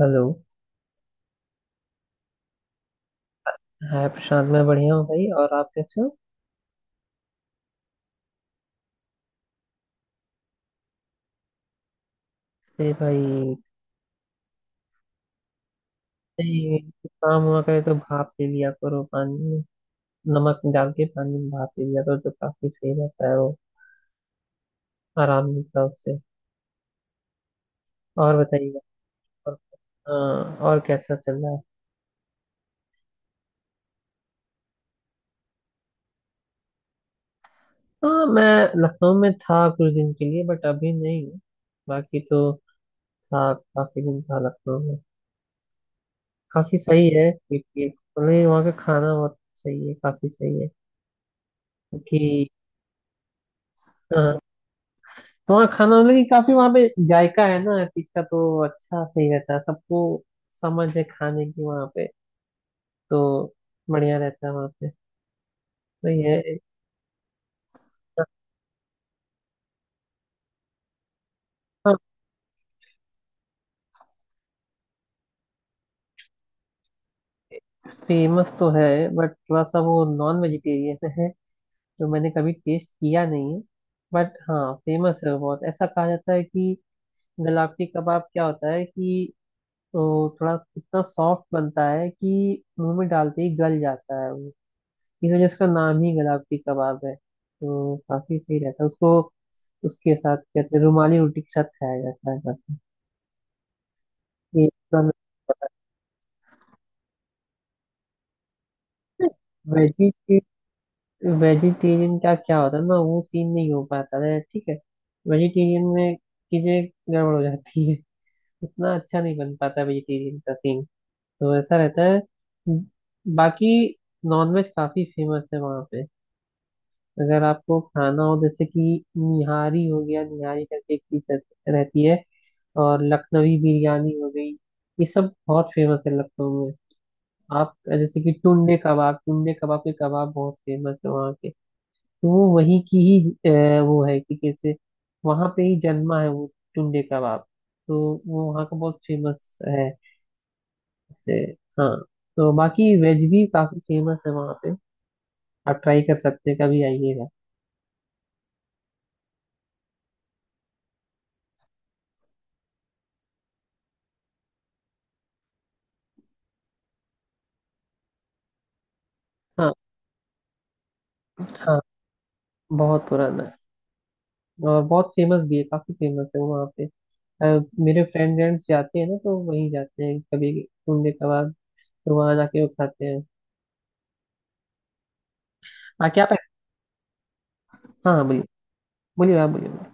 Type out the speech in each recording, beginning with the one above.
Hello. Hi Prashant, मैं बढ़िया हूँ भाई। और आप कैसे हो? अरे भाई, नहीं कुछ काम हुआ करे तो भाप ले लिया करो पानी में। नमक डाल के पानी में भाप ले लिया करो तो काफी सही रहता है वो। आराम मिलता है उससे। और बताइए। और हाँ, और कैसा चल रहा है? हाँ, मैं लखनऊ में था कुछ दिन के लिए बट अभी नहीं हूँ। बाकी तो था, काफी दिन था लखनऊ में। काफी सही है क्योंकि मतलब वहाँ का खाना बहुत सही है, काफी सही है। क्योंकि हाँ हाँ, खाना मतलब कि काफी वहाँ पे जायका है ना हर चीज का। तो अच्छा सही रहता है सबको, समझ है खाने की वहाँ पे। तो बढ़िया रहता है वहाँ पे। तो ये फेमस तो है बट थोड़ा सा वो नॉन वेजिटेरियन है, तो मैंने कभी टेस्ट किया नहीं है। बट हाँ, फेमस है वो बहुत। ऐसा कहा जाता है कि गलावटी कबाब क्या होता है कि वो थोड़ा इतना सॉफ्ट बनता है कि मुंह में डालते ही गल जाता है। इस वजह से उसका नाम ही गुलाब की कबाब है। तो काफी सही रहता है उसको। उसके साथ कहते हैं रुमाली रोटी के साथ खाया जाता है काफी। वेजिटे वेजिटेरियन वेजिटेरियन का क्या होता है ना, वो सीन नहीं हो पाता है। ठीक है, वेजिटेरियन में चीजें गड़बड़ हो जाती है। उतना अच्छा नहीं बन पाता वेजिटेरियन का सीन। तो ऐसा रहता है। बाकी नॉनवेज काफी फेमस है वहाँ पे। अगर आपको खाना हो जैसे कि निहारी हो गया, निहारी करके एक चीज रहती है। और लखनवी बिरयानी हो गई। ये सब बहुत फेमस है लखनऊ में। आप जैसे कि टुंडे कबाब, टुंडे कबाब के कबाब बहुत फेमस है वहाँ के। तो वो वहीं की ही वो है कि कैसे वहाँ पे ही जन्मा है वो टुंडे कबाब। तो वो वहाँ का बहुत फेमस है। जैसे हाँ, तो बाकी वेज भी काफी फेमस है वहाँ पे। आप ट्राई कर सकते हैं कभी आइएगा। हाँ हाँ, बहुत पुराना है। और बहुत फेमस भी है, काफी फेमस है वो वहाँ पे। मेरे फ्रेंड्स जाते हैं ना, तो वहीं जाते हैं कभी घूमने कभार। तो वहाँ जाके वो खाते हैं। हाँ क्या आप? हाँ हाँ बोलिए। बोलिए आप, बोलिए बोलिए।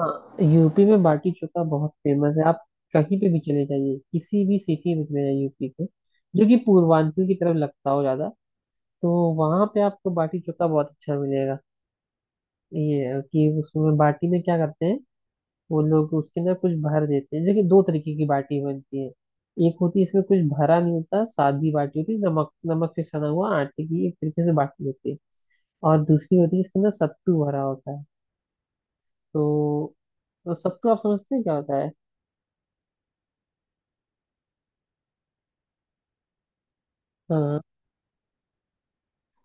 हाँ, यूपी में बाटी चोखा बहुत फेमस है। आप कहीं पे भी चले जाइए, किसी भी सिटी में चले जाइए यूपी के जो कि पूर्वांचल की तरफ लगता हो ज्यादा, तो वहां पे आपको बाटी चोखा बहुत अच्छा मिलेगा। ये है कि उसमें बाटी में क्या करते हैं वो लोग उसके अंदर कुछ भर देते हैं। देखिए दो तरीके की बाटी बनती है। एक होती है इसमें कुछ भरा नहीं होता, सादी बाटी होती है, नमक नमक से सना हुआ आटे की एक तरीके से बाटी होती है। और दूसरी होती है इसके अंदर सत्तू भरा होता है। तो, तो सत्तू आप समझते हैं क्या होता है? हाँ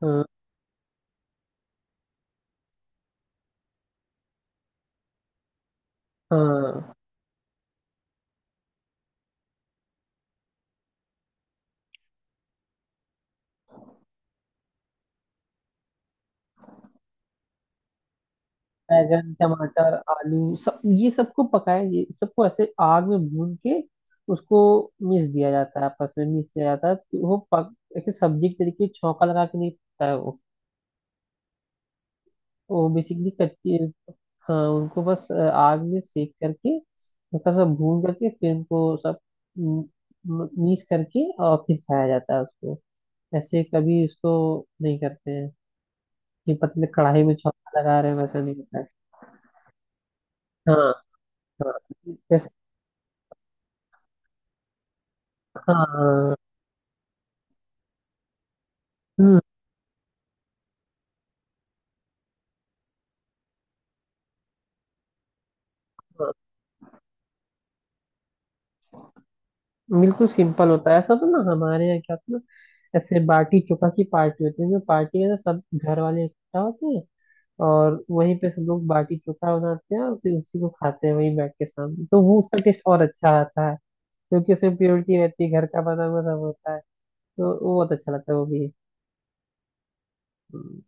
हाँ। हाँ बैंगन टमाटर आलू सब, ये सबको पकाया, ये सबको ऐसे आग में भून के उसको मिक्स दिया जाता है, आपस में मिक्स किया जाता है। तो वो पक एक सब्जी के तरीके छौंका लगा के नहीं पकता है वो। तो वो बेसिकली कच्ची। हाँ, उनको बस आग में सेक करके हल्का सा भून करके फिर उनको सब मीस करके और फिर खाया जाता है उसको। ऐसे कभी उसको नहीं करते हैं कि पतले कढ़ाई में छौंका लगा रहे हैं, वैसा नहीं होता है। हाँ जैसे हाँ हाँ। हम्म बिल्कुल सिंपल होता है, ऐसा तो ना। हमारे यहाँ क्या होता है ना, ऐसे बाटी चोखा की पार्टी होती है। जो पार्टी है ना, सब घर वाले इकट्ठा होते हैं और वहीं पे सब लोग बाटी चोखा बनाते हैं और फिर उसी को खाते हैं वहीं बैठ के सामने, तो वो उसका टेस्ट और अच्छा आता है, क्योंकि उसमें प्योरिटी रहती है, घर का बना हुआ सब होता है। तो वो बहुत अच्छा लगता है वो भी। हम्म।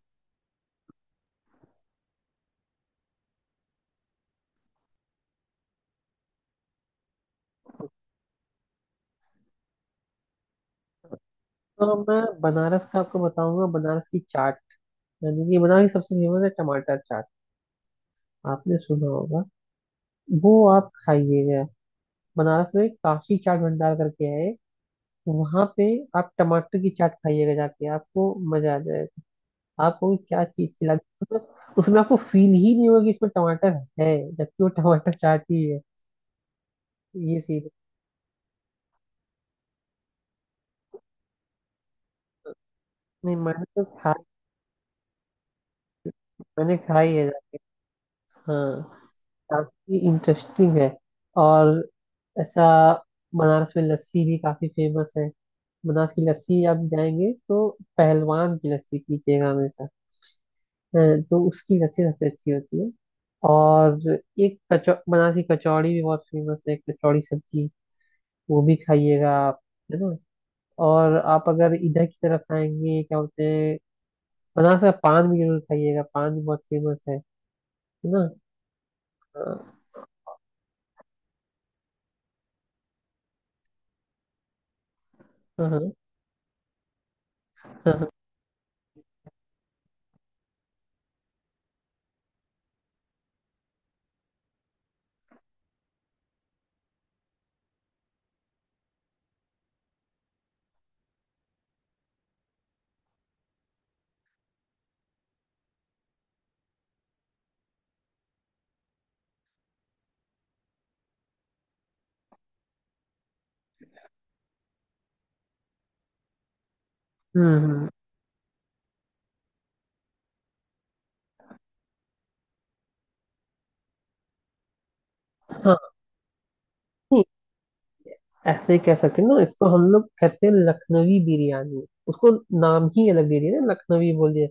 तो मैं बनारस का आपको बताऊंगा, बनारस की चाट, यानी कि बनारस की सबसे फेमस है टमाटर चाट। आपने सुना होगा। वो आप खाइएगा। बनारस में काशी चाट भंडार करके है, वहां पे आप टमाटर की चाट खाइएगा जाके, आपको मजा आ जाएगा। आपको क्या चीज खिलाती है, मतलब उसमें आपको फील ही नहीं होगा कि इसमें टमाटर है, जबकि वो टमाटर चाट ही है। ये सीन। नहीं मैंने तो खा, मैंने खाई है जाके। हाँ, काफी इंटरेस्टिंग है। और ऐसा बनारस में लस्सी भी काफी फेमस है। बनारस की लस्सी आप जाएंगे तो पहलवान की लस्सी पीजिएगा हमेशा। हाँ, तो उसकी लस्सी सबसे अच्छी होती है। और एक कचौ, बनारस की कचौड़ी भी बहुत फेमस है, कचौड़ी सब्जी। वो भी खाइएगा आप। है ना। और आप अगर इधर की तरफ आएंगे क्या बोलते हैं, बनारस का पान भी जरूर खाइएगा, पान भी बहुत फेमस है। है ना। हाँ हाँ हाँ हाँ। हम्म, हम्म, हाँ। नहीं, ऐसे ही कह सकते हैं ना, इसको हम लोग कहते हैं लखनवी बिरयानी उसको। नाम ही अलग दे दिया ना लखनवी बोल दिया।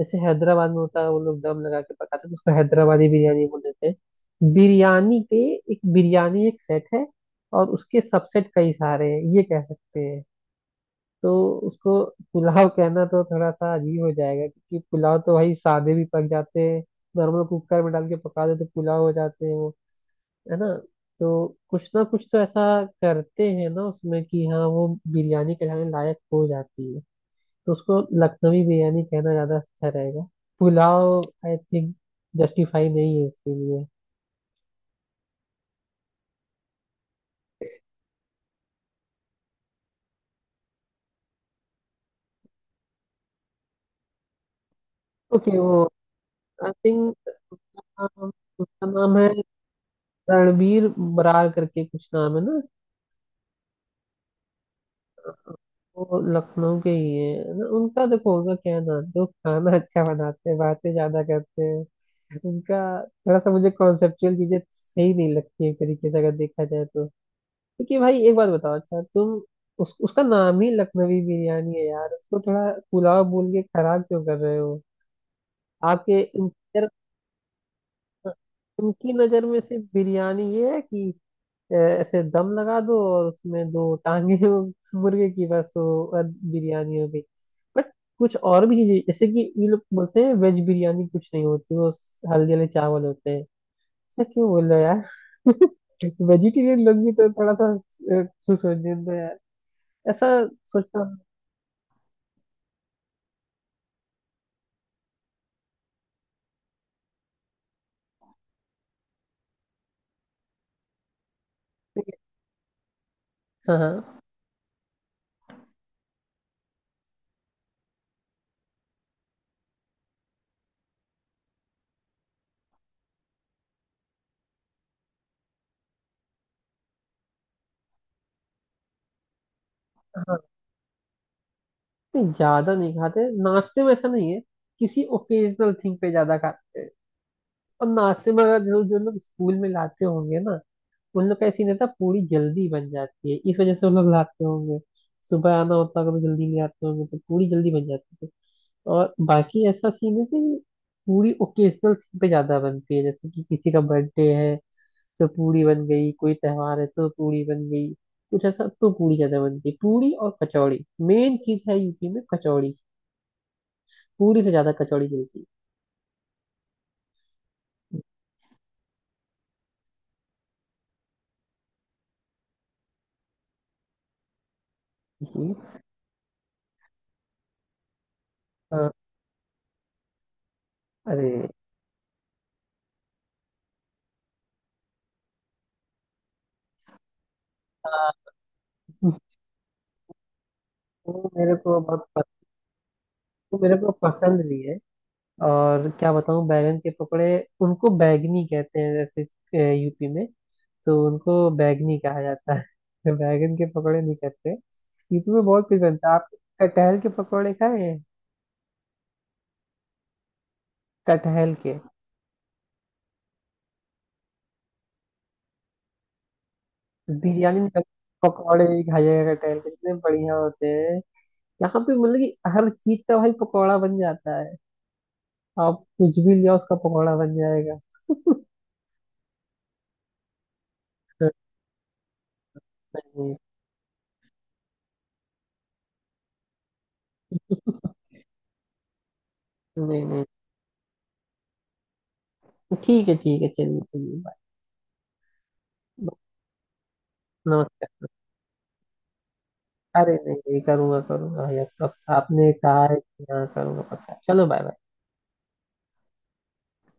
जैसे हैदराबाद में होता है वो लोग दम लगा के पकाते हैं, तो उसको हैदराबादी बिरयानी बोल देते हैं। बिरयानी के, एक बिरयानी एक सेट है और उसके सबसेट कई सारे हैं, ये कह सकते हैं। तो उसको पुलाव कहना तो थोड़ा सा अजीब हो जाएगा क्योंकि पुलाव तो भाई सादे भी पक जाते हैं। नॉर्मल कुकर में डाल के पका दो तो पुलाव हो जाते हैं वो। है ना। तो कुछ ना कुछ तो ऐसा करते हैं ना उसमें कि हाँ, वो बिरयानी कहलाने लायक हो जाती है। तो उसको लखनवी बिरयानी कहना ज्यादा अच्छा रहेगा। पुलाव आई थिंक जस्टिफाई नहीं है इसके लिए। ओके वो आई थिंक, उसका नाम, उसका नाम है रणबीर बरार करके कुछ नाम है ना। वो लखनऊ के ही है न- उनका, देखो उनका क्या है ना, जो खाना अच्छा बनाते हैं बातें ज्यादा करते हैं। उनका थोड़ा सा मुझे कॉन्सेप्चुअल चीजें सही नहीं लगती, एक तरीके से अगर देखा जाए तो। क्योंकि भाई एक बात बताओ, अच्छा तुम, उसका नाम ही लखनवी बिरयानी है यार, उसको थोड़ा पुलाव बोल के खराब क्यों कर रहे हो। आपके उनकी नजर, उनकी नजर में सिर्फ बिरयानी ये है कि ऐसे दम लगा दो और उसमें दो टांगे हो मुर्गे की, बस वो और बिरयानी हो गई। बट कुछ और भी चीजें जैसे कि ये लोग बोलते हैं वेज बिरयानी कुछ नहीं होती, वो स- हल्दी वाले चावल होते हैं। ऐसा क्यों बोल रहे हो यार। वेजिटेरियन लोग भी तो थोड़ा सा खुश हो जाते हैं यार, ऐसा सोचता हूँ। हाँ हाँ हाँ। नहीं, ज्यादा नहीं खाते नाश्ते में, ऐसा नहीं है। किसी ओकेजनल थिंग पे ज्यादा खाते हैं। और नाश्ते में अगर जो जो लोग स्कूल में लाते होंगे ना, उन लोग का ऐसी रहता है, पूरी जल्दी बन जाती है, इस वजह से वो लोग लाते होंगे। सुबह आना होता है, कभी जल्दी ले आते होंगे तो पूरी जल्दी बन जाती है। और बाकी ऐसा सीन है कि पूरी ओकेजनल थिंग पे ज्यादा बनती है, जैसे कि किसी का बर्थडे है तो पूरी बन गई, कोई त्योहार है तो पूरी बन गई, कुछ ऐसा। तो पूरी ज्यादा बनती है। पूरी और कचौड़ी मेन चीज है यूपी में, कचौड़ी पूरी से ज्यादा कचौड़ी चलती है। जी, अ, अरे हाँ, वो मेरे को बहुत पस-, वो मेरे को पसंद भी है। और क्या बताऊं, बैगन के पकौड़े, उनको बैगनी कहते हैं जैसे यूपी में। तो उनको बैगनी कहा जाता है, बैगन के पकौड़े नहीं कहते। यूपी में बहुत कुछ बनता है आप। कटहल के पकौड़े खाए हैं? कटहल के, बिरयानी में कट-, पकौड़े भी खाइएगा कटहल के, इतने बढ़िया होते हैं। यहाँ पे मतलब कि हर चीज का भाई पकौड़ा बन जाता है। आप कुछ भी लिया उसका पकौड़ा बन जाएगा। नहीं नहीं नहीं नहीं। ठीक है ठीक है, चलिए चलिए बाय। नमस्कार। अरे नहीं, नहीं करूँगा करूँगा ये तो, आपने कहा है कि हाँ करूँगा पक्का। चलो बाय बाय।